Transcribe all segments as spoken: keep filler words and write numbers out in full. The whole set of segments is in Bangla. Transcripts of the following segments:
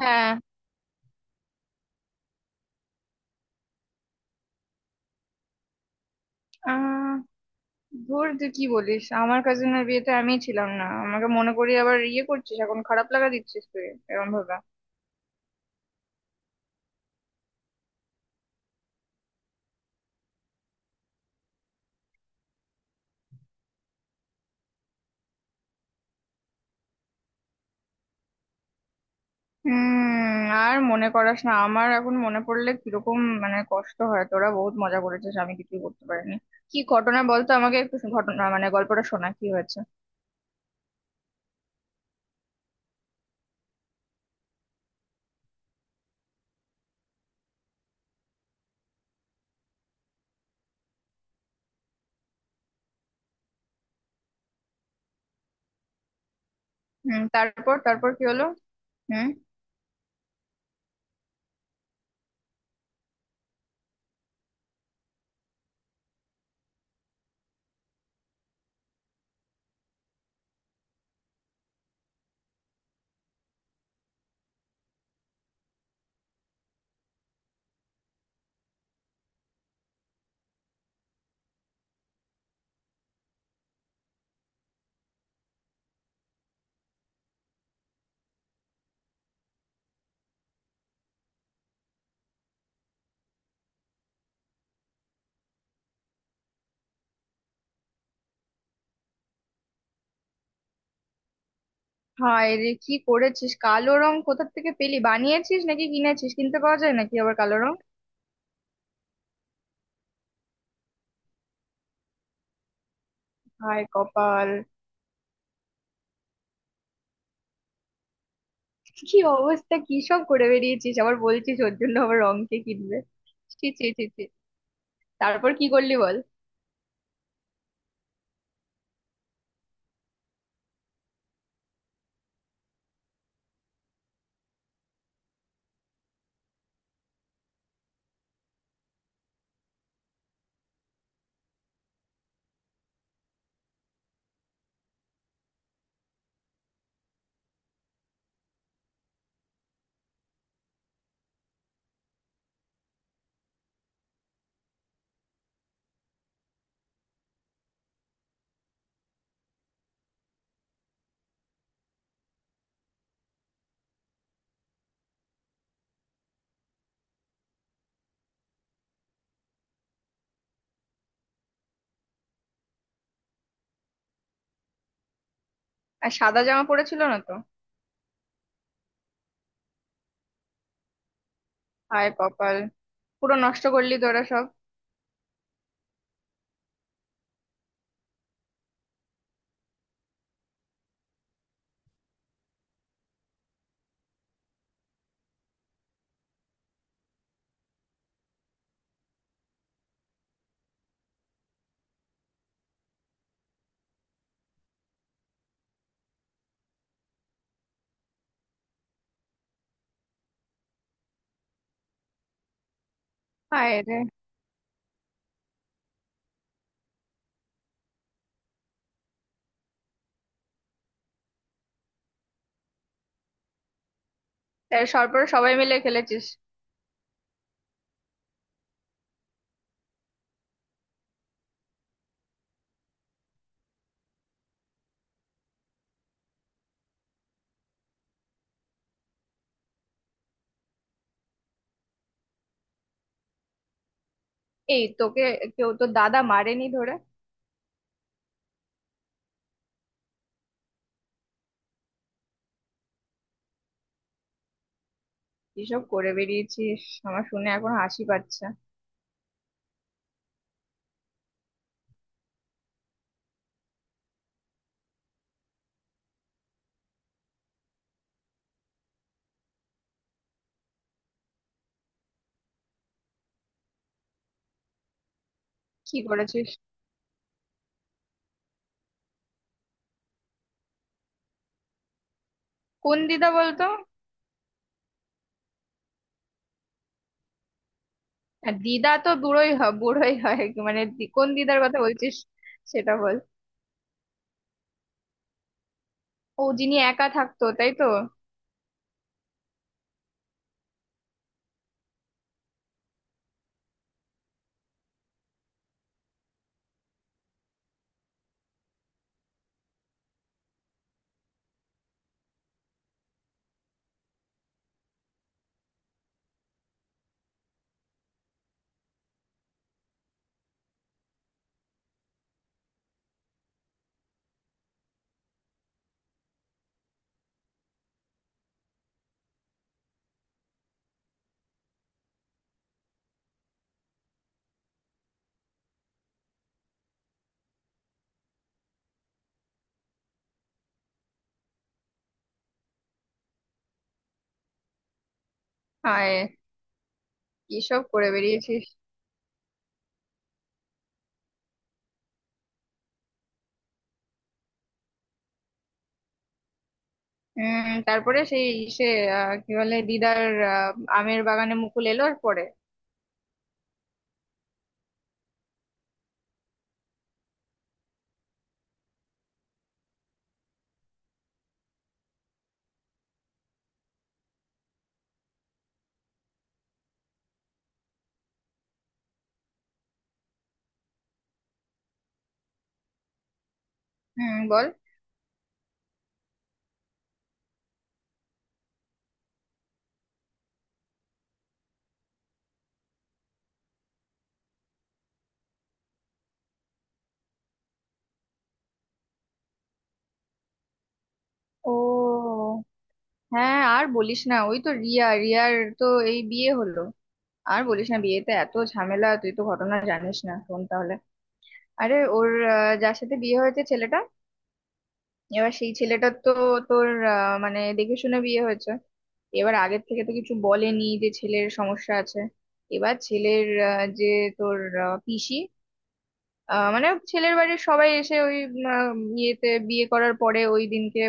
হ্যাঁ। আহ ধুর, তুই কি বলিস! আমার কাজিনের বিয়েতে আমিই ছিলাম না, আমাকে মনে করিয়ে আবার ইয়ে করছিস, এখন খারাপ লাগা দিচ্ছিস তুই এরকম ভাবে। হুম, আর মনে করাস না, আমার এখন মনে পড়লে কিরকম মানে কষ্ট হয়। তোরা বহুত মজা করেছিস, আমি কিছুই করতে পারিনি। কি ঘটনা বলতো আমাকে, একটু ঘটনা মানে গল্পটা শোনা, কি হয়েছে? হুম, তারপর তারপর কি হলো? হুম। হায় রে, কি করেছিস! কালো রং কোথা থেকে পেলি? বানিয়েছিস নাকি কিনেছিস? কিনতে পাওয়া যায় নাকি আবার কালো রং? হায় কপাল! কি অবস্থা, কি সব করে বেরিয়েছিস! আবার বলছিস ওর জন্য আবার রং কে কিনবে। ছি ছি ছি ছি। তারপর কি করলি বল। আর সাদা জামা পড়েছিল না তো? হায় কপাল! পুরো নষ্ট করলি তোরা সব। হায় রে! তাই সরপরে সবাই মিলে খেলেছিস? এই তোকে কেউ তো দাদা মারেনি ধরে? এসব করে বেরিয়েছিস! আমার শুনে এখন হাসি পাচ্ছে। কি করেছিস? কোন দিদা বলতো? আর দিদা তো বুড়োই হয় বুড়োই হয়, কি মানে, দি- কোন দিদার কথা বলছিস? সেটা বল। ও, যিনি একা থাকতো তাই তো? হায়, কি সব করে বেরিয়েছিস! উম তারপরে সেই সে, আহ, কি বলে দিদার, আহ, আমের বাগানে মুকুল এলো আর পরে। হুম বল। ও, হ্যাঁ, আর বলিস না, ওই তো রিয়া, রিয়ার তো এই বিয়ে হলো। আর বলিস না, বিয়েতে এত ঝামেলা, তুই তো ঘটনা জানিস না, শোন তাহলে। আরে ওর, আহ, যার সাথে বিয়ে হয়েছে ছেলেটা, এবার সেই ছেলেটার তো তোর, আহ, মানে দেখে শুনে বিয়ে হয়েছে। এবার আগের থেকে তো কিছু বলেনি যে ছেলের সমস্যা আছে। এবার ছেলের, আহ, যে তোর, আহ, পিসি, আহ মানে ছেলের বাড়ির সবাই এসে ওই, উম, আহ, ইয়েতে বিয়ে করার পরে ওই দিনকে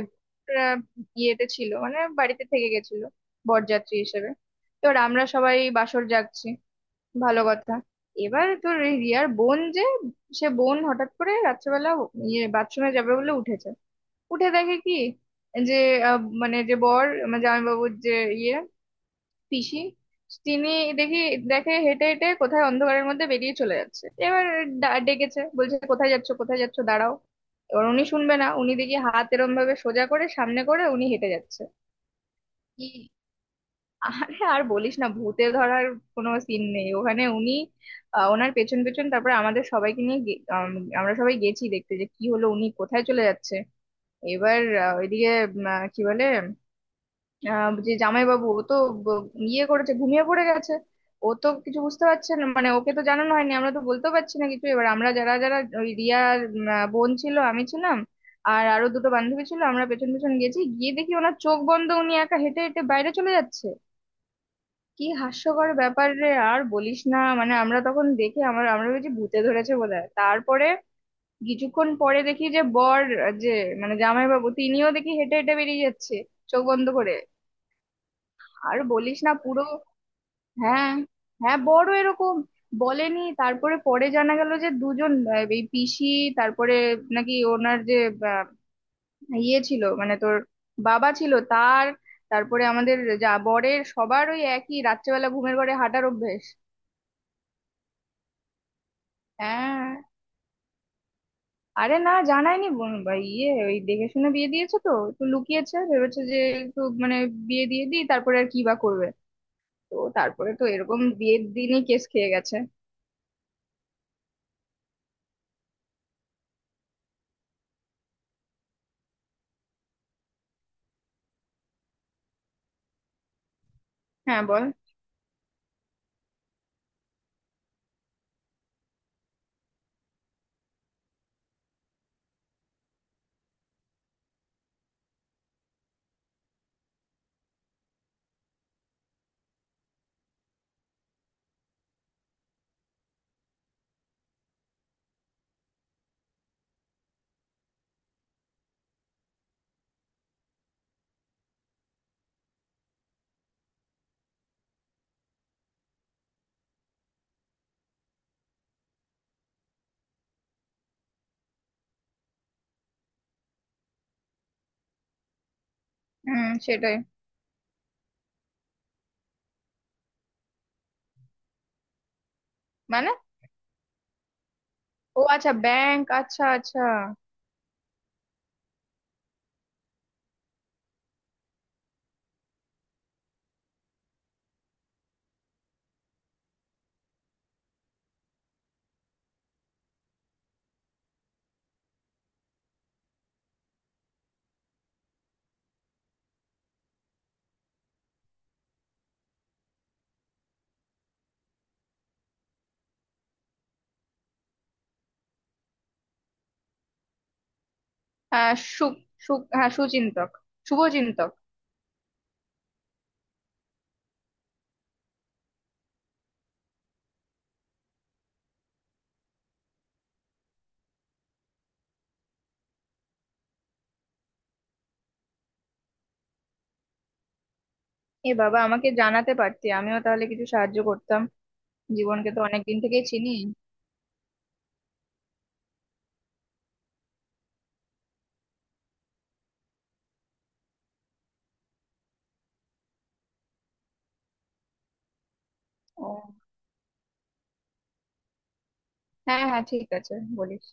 আহ, ইয়েতে ছিল, মানে বাড়িতে থেকে গেছিল বরযাত্রী হিসেবে। তোর আমরা সবাই বাসর জাগছি, ভালো কথা। এবার তোর এই রিয়ার বোন, যে সে বোন হঠাৎ করে রাত্রেবেলা ইয়ে বাথরুমে যাবে বলে উঠেছে। উঠে দেখে কি, যে আহ, মানে যে বর মানে জামাইবাবুর যে ইয়ে পিসি তিনি, দেখি দেখে হেঁটে হেঁটে কোথায় অন্ধকারের মধ্যে বেরিয়ে চলে যাচ্ছে। এবার ডা- ডেকেছে, বলছে কোথায় যাচ্ছ কোথায় যাচ্ছ দাঁড়াও। এবার উনি শুনবে না, উনি দেখি হাত এরম ভাবে সোজা করে সামনে করে উনি হেঁটে যাচ্ছে। কি? আরে আর বলিস না, ভূতে ধরার কোনো সিন নেই ওখানে। উনি, আহ, ওনার পেছন পেছন তারপরে আমাদের সবাইকে নিয়ে গে- আম, আমরা সবাই গেছি দেখতে যে কি হলো উনি কোথায় চলে যাচ্ছে। এবার আহ, ওইদিকে উম, আহ, কি বলে, আহ যে জামাইবাবু ও তো ব- ইয়ে করেছে, ঘুমিয়ে পড়ে গেছে। ও তো কিছু বুঝতে পারছে না, মানে ওকে তো জানানো হয়নি, আমরা তো বলতেও পারছি না কিছু। এবার আমরা যারা যারা ওই রিয়ার উম, আহ, বোন ছিল, আমি ছিলাম, আর আরো দুটো বান্ধবী ছিল, আমরা পেছন পেছন গেছি, গিয়ে দেখি ওনার চোখ বন্ধ, উনি একা হেঁটে হেঁটে বাইরে চলে যাচ্ছে। কি হাস্যকর ব্যাপার রে! আর বলিস না, মানে আমরা তখন দেখে আমার আমরা ভেবেছি ভূতে ধরেছে বোধহয়। তারপরে কিছুক্ষণ পরে দেখি যে বর, আহ, যে মানে জামাইবাবু তিনিও দেখি হেঁটে হেঁটে বেরিয়ে যাচ্ছে চোখ বন্ধ করে। আর বলিস না পুরো। হ্যাঁ, হ্যাঁ, বড় এরকম বলেনি। তারপরে পরে জানা গেল যে দুজন, আহ, এই পিসি তারপরে নাকি ওনার যে, আহ, ইয়ে ছিল, মানে তোর বাবা ছিল তার। তারপরে আমাদের, যা বরের সবার ওই একই রাত্রেবেলা ঘুমের ঘরে হাঁটার অভ্যেস। হ্যাঁ। আরে না জানায়নি, বোন- বা ইয়ে ওই দেখে শুনে বিয়ে দিয়েছে তো, একটু লুকিয়েছে, ভেবেছে যে একটু মানে বিয়ে দিয়ে দিই তারপরে আর কি বা করবে। তো তারপরে তো এরকম বিয়ের দিনই কেস খেয়ে গেছে। হ্যাঁ বল। হুম, সেটাই। মানে, ও আচ্ছা, ব্যাংক, আচ্ছা আচ্ছা। হ্যাঁ। সু সু, হ্যাঁ সুচিন্তক, শুভচিন্তক। এ বাবা, আমাকে জানাতে পারতি, আমিও তাহলে কিছু সাহায্য করতাম। জীবনকে তো অনেক দিন থেকেই চিনি। ও, হ্যাঁ হ্যাঁ ঠিক আছে। বলিস।